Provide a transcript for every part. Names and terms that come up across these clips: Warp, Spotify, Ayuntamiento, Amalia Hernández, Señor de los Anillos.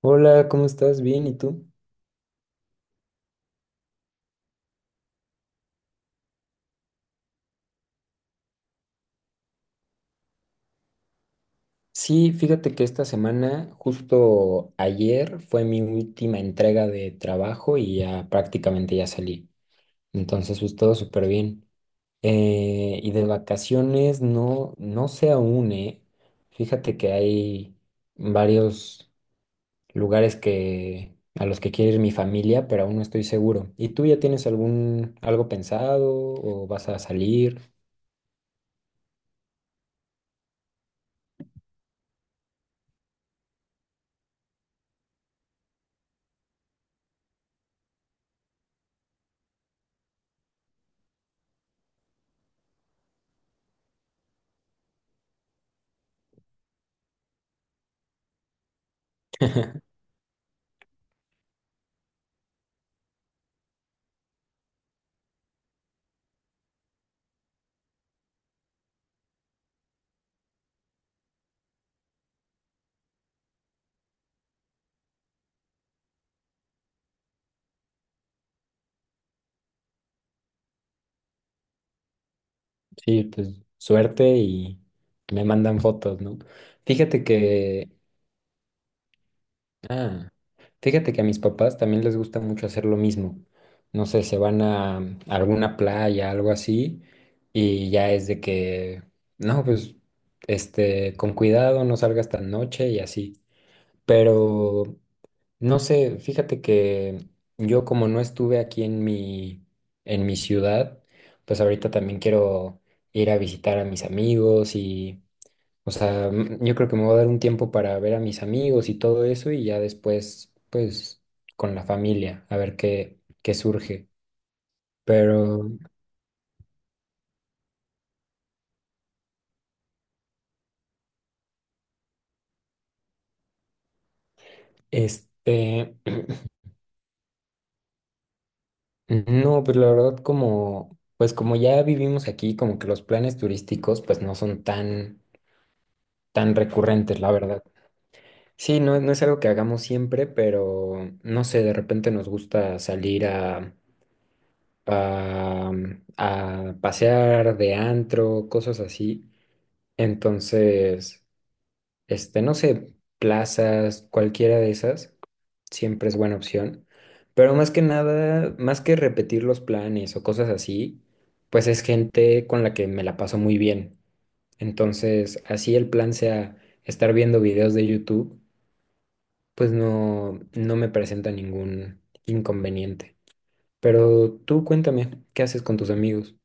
Hola, ¿cómo estás? Bien, ¿y tú? Sí, fíjate que esta semana, justo ayer, fue mi última entrega de trabajo y ya prácticamente ya salí. Entonces, pues todo súper bien. Y de vacaciones, no, no sé aún, ¿eh? Fíjate que hay varios lugares a los que quiere ir mi familia, pero aún no estoy seguro. ¿Y tú ya tienes algo pensado o vas a salir? Sí, pues suerte y me mandan fotos, ¿no? Fíjate que, ah, Fíjate que a mis papás también les gusta mucho hacer lo mismo. No sé, se van a, a alguna playa, algo así, y ya es de que, no, pues, este, con cuidado, no salgas tan noche y así. Pero, no sé, fíjate que yo como no estuve en mi ciudad, pues ahorita también quiero ir a visitar a mis amigos y o sea, yo creo que me voy a dar un tiempo para ver a mis amigos y todo eso y ya después, pues, con la familia, a ver qué surge. Pero, este, no, pues la verdad como, pues como ya vivimos aquí, como que los planes turísticos, pues no son tan recurrentes, la verdad. Sí, no, no es algo que hagamos siempre, pero no sé, de repente nos gusta salir a, a pasear de antro, cosas así. Entonces, este, no sé, plazas, cualquiera de esas, siempre es buena opción. Pero más que nada, más que repetir los planes o cosas así, pues es gente con la que me la paso muy bien. Entonces, así el plan sea estar viendo videos de YouTube, pues no, no me presenta ningún inconveniente. Pero tú cuéntame, ¿qué haces con tus amigos?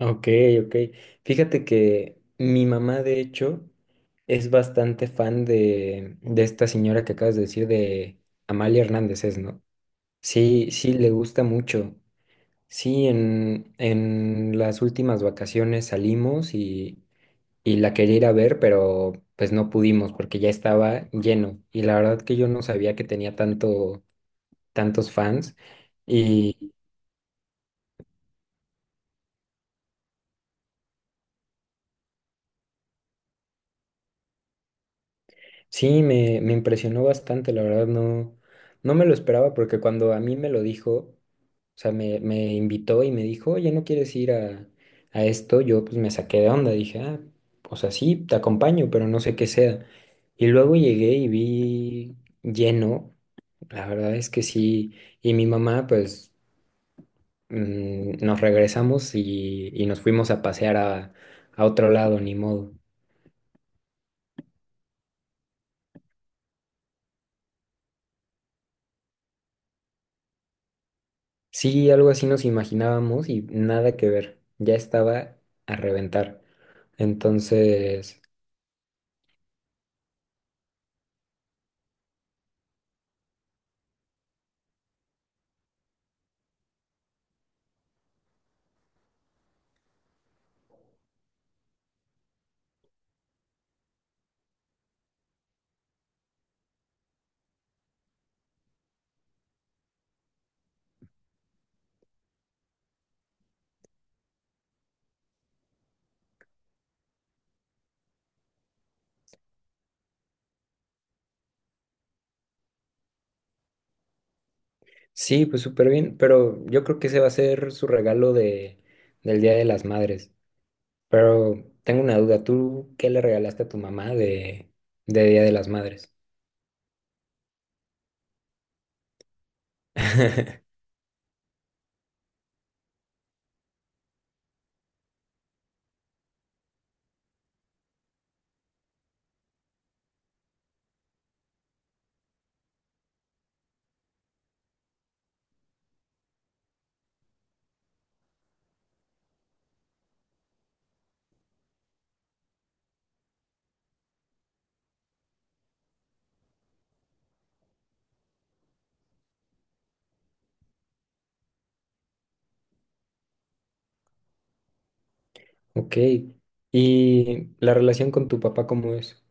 Ok, ok. Fíjate que mi mamá, de hecho, es bastante fan de esta señora que acabas de decir, de Amalia Hernández, es, ¿no? Sí, sí, le gusta mucho. Sí, en las últimas vacaciones salimos y la quería ir a ver, pero pues no pudimos porque ya estaba lleno. Y la verdad que yo no sabía que tenía tantos fans. Sí, me impresionó bastante, la verdad, no, no me lo esperaba porque cuando a mí me lo dijo, o sea, me invitó y me dijo, oye, ¿no quieres ir a esto? Yo pues me saqué de onda, dije, ah, o sea, sí, te acompaño, pero no sé qué sea. Y luego llegué y vi lleno, la verdad es que sí, y mi mamá pues nos regresamos y nos fuimos a pasear a otro lado, ni modo. Sí, algo así nos imaginábamos y nada que ver. Ya estaba a reventar. Entonces, sí, pues súper bien, pero yo creo que ese va a ser su regalo del Día de las Madres. Pero tengo una duda, ¿tú qué le regalaste a tu mamá de Día de las Madres? Ok, ¿y la relación con tu papá cómo es?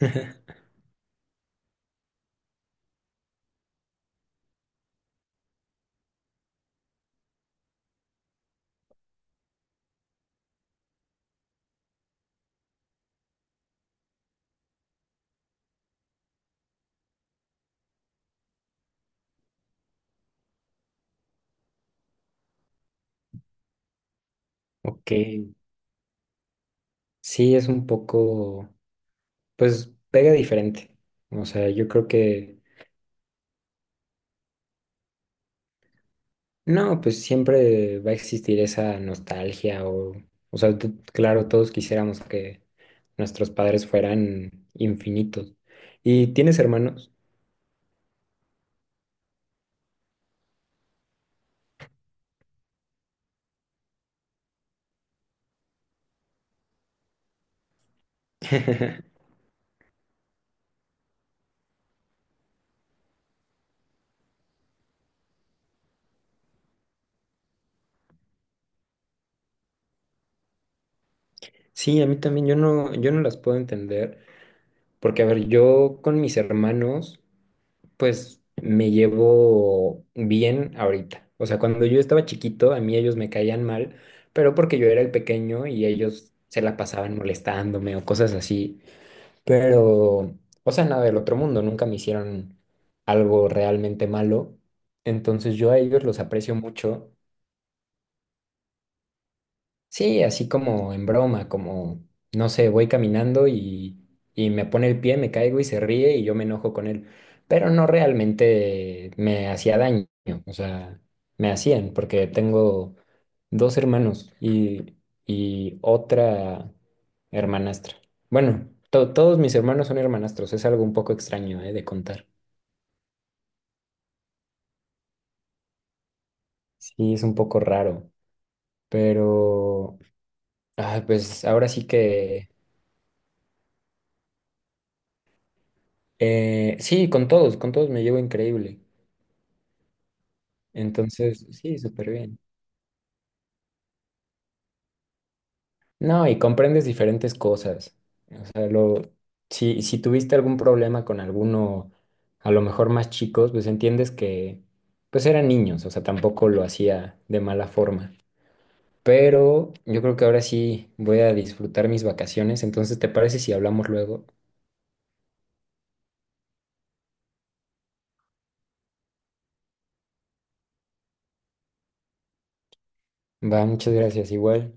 Ok, sí, es un poco, pues pega diferente. O sea, yo creo que... No, pues siempre va a existir esa nostalgia o sea, claro, todos quisiéramos que nuestros padres fueran infinitos. ¿Y tienes hermanos? Sí, a mí también, yo no las puedo entender, porque a ver, yo con mis hermanos, pues me llevo bien ahorita. O sea, cuando yo estaba chiquito, a mí ellos me caían mal, pero porque yo era el pequeño y ellos se la pasaban molestándome o cosas así. Pero, o sea, nada del otro mundo, nunca me hicieron algo realmente malo. Entonces yo a ellos los aprecio mucho. Sí, así como en broma, como, no sé, voy caminando y me pone el pie, me caigo y se ríe y yo me enojo con él. Pero no realmente me hacía daño, o sea, me hacían, porque tengo dos hermanos y otra hermanastra. Bueno, todos mis hermanos son hermanastros, es algo un poco extraño, de contar. Sí, es un poco raro, pero ah, pues ahora sí que... sí, con todos me llevo increíble. Entonces, sí, súper bien. No, y comprendes diferentes cosas. O sea, lo, si, si tuviste algún problema con alguno, a lo mejor más chicos, pues entiendes que, pues eran niños, o sea, tampoco lo hacía de mala forma. Pero yo creo que ahora sí voy a disfrutar mis vacaciones, entonces, ¿te parece si hablamos luego? Va, muchas gracias, igual.